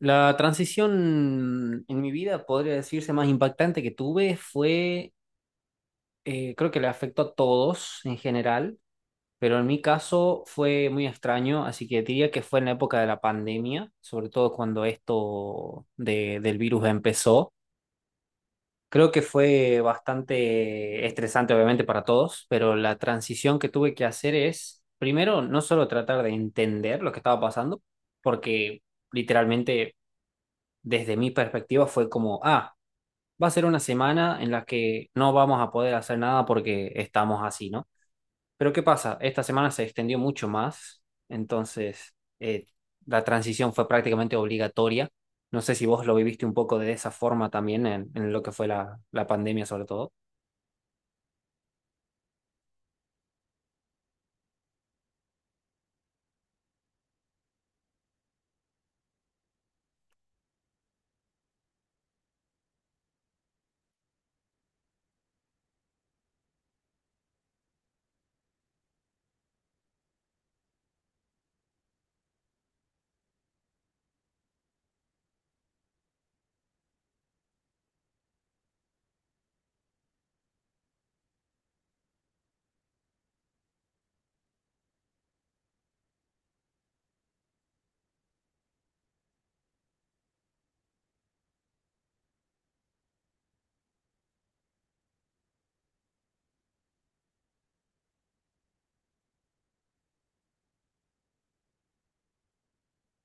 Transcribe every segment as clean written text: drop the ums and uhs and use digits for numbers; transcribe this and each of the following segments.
La transición en mi vida, podría decirse, más impactante que tuve fue, creo que le afectó a todos en general, pero en mi caso fue muy extraño, así que diría que fue en la época de la pandemia, sobre todo cuando del virus empezó. Creo que fue bastante estresante, obviamente, para todos, pero la transición que tuve que hacer es, primero, no solo tratar de entender lo que estaba pasando, porque literalmente desde mi perspectiva fue como, ah, va a ser una semana en la que no vamos a poder hacer nada porque estamos así, ¿no? Pero ¿qué pasa? Esta semana se extendió mucho más, entonces la transición fue prácticamente obligatoria. No sé si vos lo viviste un poco de esa forma también en lo que fue la pandemia sobre todo.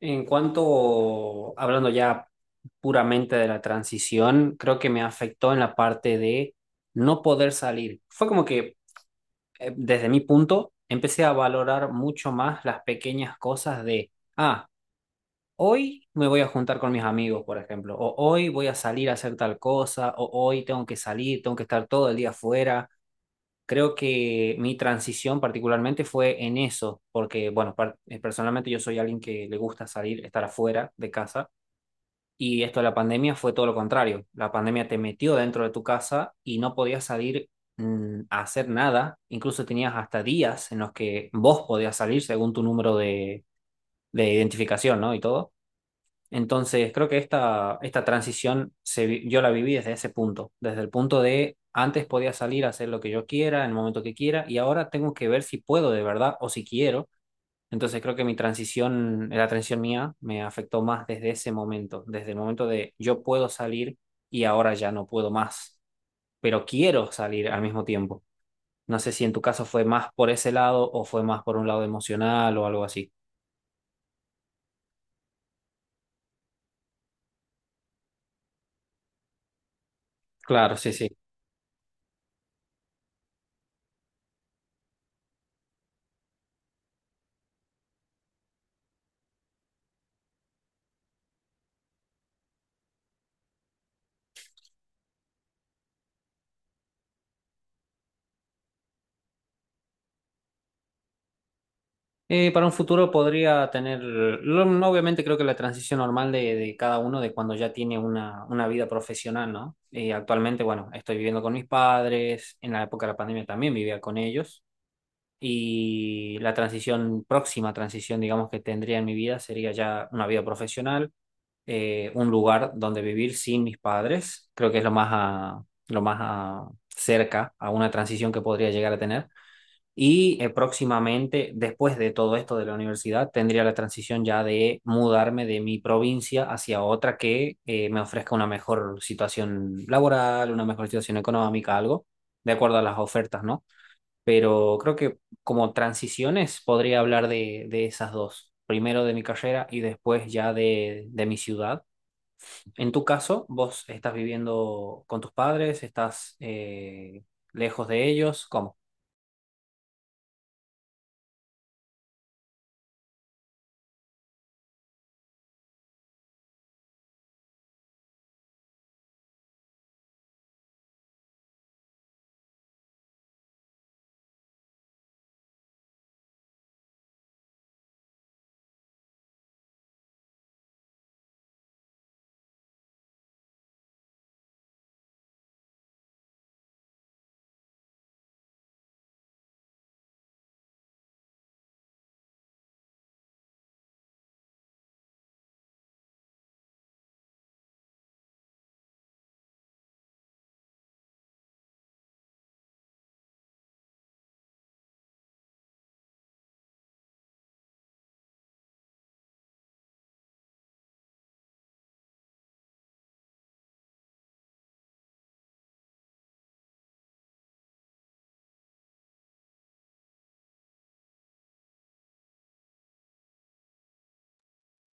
En cuanto, hablando ya puramente de la transición, creo que me afectó en la parte de no poder salir. Fue como que desde mi punto, empecé a valorar mucho más las pequeñas cosas de, ah, hoy me voy a juntar con mis amigos, por ejemplo, o hoy voy a salir a hacer tal cosa, o hoy tengo que salir, tengo que estar todo el día afuera. Creo que mi transición particularmente fue en eso, porque, bueno, personalmente yo soy alguien que le gusta salir, estar afuera de casa. Y esto de la pandemia fue todo lo contrario. La pandemia te metió dentro de tu casa y no podías salir a hacer nada. Incluso tenías hasta días en los que vos podías salir según tu número de identificación, ¿no? Y todo. Entonces, creo que esta transición yo la viví desde ese punto, desde el punto de antes podía salir a hacer lo que yo quiera, en el momento que quiera, y ahora tengo que ver si puedo de verdad o si quiero, entonces creo que mi transición, la transición mía me afectó más desde ese momento, desde el momento de yo puedo salir y ahora ya no puedo más, pero quiero salir al mismo tiempo. No sé si en tu caso fue más por ese lado o fue más por un lado emocional o algo así. Claro, sí, sí. Para un futuro podría tener, lo- no, obviamente creo que la transición normal de cada uno de cuando ya tiene una vida profesional, ¿no? Actualmente, bueno, estoy viviendo con mis padres, en la época de la pandemia también vivía con ellos. Y la transición, próxima transición, digamos, que tendría en mi vida sería ya una vida profesional, un lugar donde vivir sin mis padres. Creo que es lo más, lo más cerca a una transición que podría llegar a tener. Y próximamente, después de todo esto de la universidad, tendría la transición ya de mudarme de mi provincia hacia otra que me ofrezca una mejor situación laboral, una mejor situación económica, algo, de acuerdo a las ofertas, ¿no? Pero creo que como transiciones podría hablar de esas dos. Primero de mi carrera y después ya de mi ciudad. En tu caso, ¿vos estás viviendo con tus padres? ¿Estás lejos de ellos? ¿Cómo?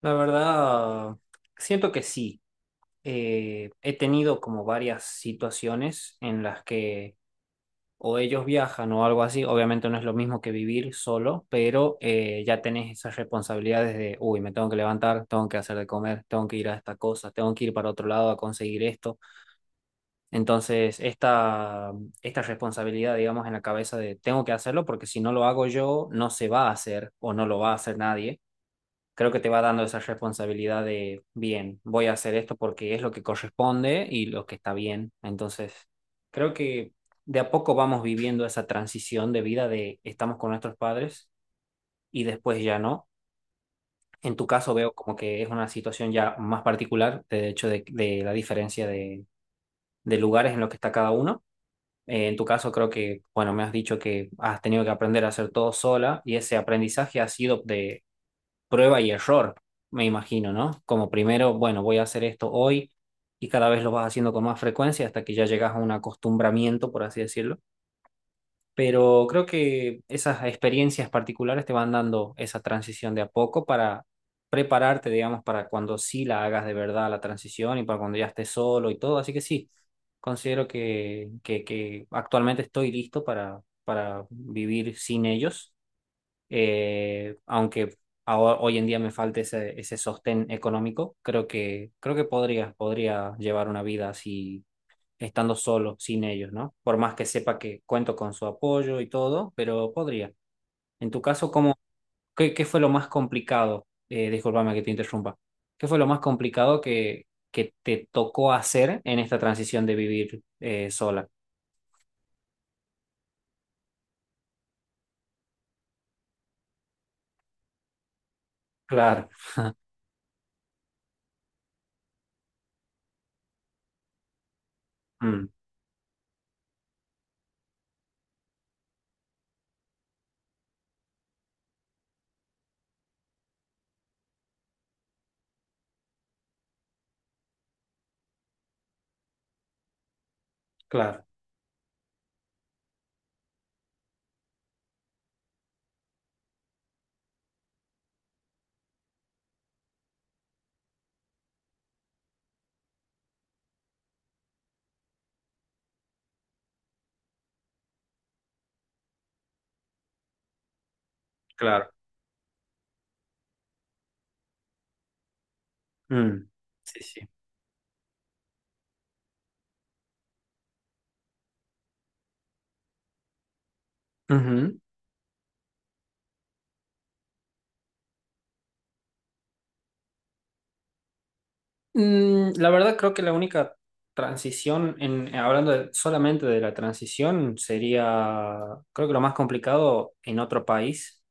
La verdad, siento que sí. He tenido como varias situaciones en las que o ellos viajan o algo así, obviamente no es lo mismo que vivir solo, pero ya tenés esas responsabilidades de, uy, me tengo que levantar, tengo que hacer de comer, tengo que ir a esta cosa, tengo que ir para otro lado a conseguir esto. Entonces, esta responsabilidad, digamos, en la cabeza de, tengo que hacerlo porque si no lo hago yo, no se va a hacer o no lo va a hacer nadie, creo que te va dando esa responsabilidad de, bien, voy a hacer esto porque es lo que corresponde y lo que está bien. Entonces, creo que de a poco vamos viviendo esa transición de vida de estamos con nuestros padres y después ya no. En tu caso veo como que es una situación ya más particular, de hecho, de la diferencia de lugares en los que está cada uno. En tu caso creo que, bueno, me has dicho que has tenido que aprender a hacer todo sola y ese aprendizaje ha sido de prueba y error, me imagino, ¿no? Como primero, bueno, voy a hacer esto hoy y cada vez lo vas haciendo con más frecuencia hasta que ya llegas a un acostumbramiento, por así decirlo. Pero creo que esas experiencias particulares te van dando esa transición de a poco para prepararte, digamos, para cuando sí la hagas de verdad la transición y para cuando ya estés solo y todo. Así que sí, considero que actualmente estoy listo para vivir sin ellos, aunque hoy en día me falte ese, ese sostén económico, creo que podría, podría llevar una vida así, estando solo, sin ellos, ¿no? Por más que sepa que cuento con su apoyo y todo, pero podría. En tu caso, ¿cómo, qué, qué fue lo más complicado? Discúlpame que te interrumpa. ¿Qué fue lo más complicado que te tocó hacer en esta transición de vivir sola? Claro. Mm. Claro. Claro. Mm. Sí, sí. Mm, la verdad creo que la única transición, en, hablando solamente de la transición, sería, creo que lo más complicado en otro país,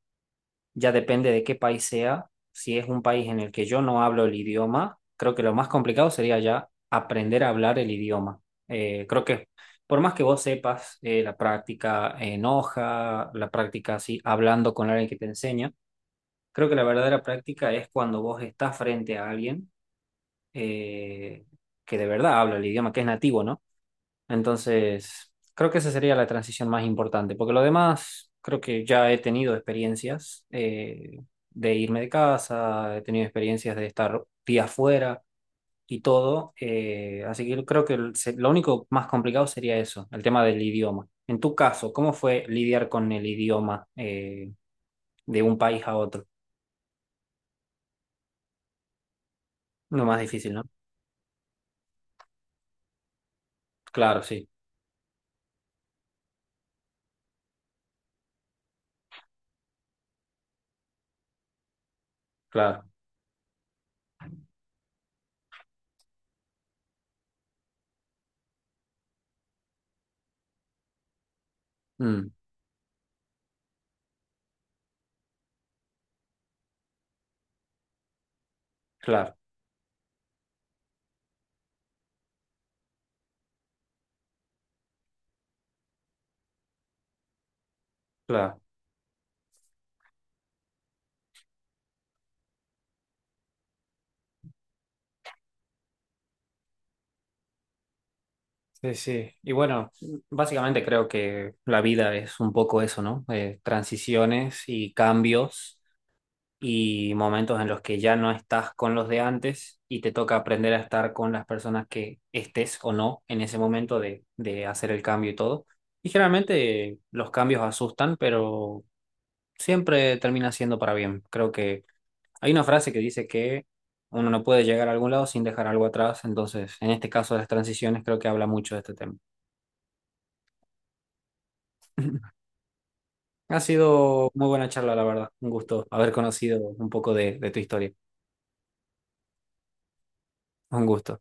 ya depende de qué país sea, si es un país en el que yo no hablo el idioma, creo que lo más complicado sería ya aprender a hablar el idioma. Creo que por más que vos sepas la práctica en hoja, la práctica así, hablando con alguien que te enseña, creo que la verdadera práctica es cuando vos estás frente a alguien eh, que de verdad habla el idioma, que es nativo, ¿no? Entonces, creo que esa sería la transición más importante, porque lo demás, creo que ya he tenido experiencias de irme de casa, he tenido experiencias de estar días fuera y todo, así que creo que lo único más complicado sería eso, el tema del idioma. En tu caso, ¿cómo fue lidiar con el idioma de un país a otro? Lo más difícil, ¿no? Claro, sí, claro. Mm, claro, claro. Sí, sí. Y bueno, básicamente creo que la vida es un poco eso, ¿no? Transiciones y cambios y momentos en los que ya no estás con los de antes y te toca aprender a estar con las personas que estés o no en ese momento de hacer el cambio y todo. Y generalmente los cambios asustan, pero siempre termina siendo para bien. Creo que hay una frase que dice que uno no puede llegar a algún lado sin dejar algo atrás, entonces en este caso de las transiciones creo que habla mucho de este tema. Ha sido muy buena charla, la verdad. Un gusto haber conocido un poco de tu historia. Un gusto.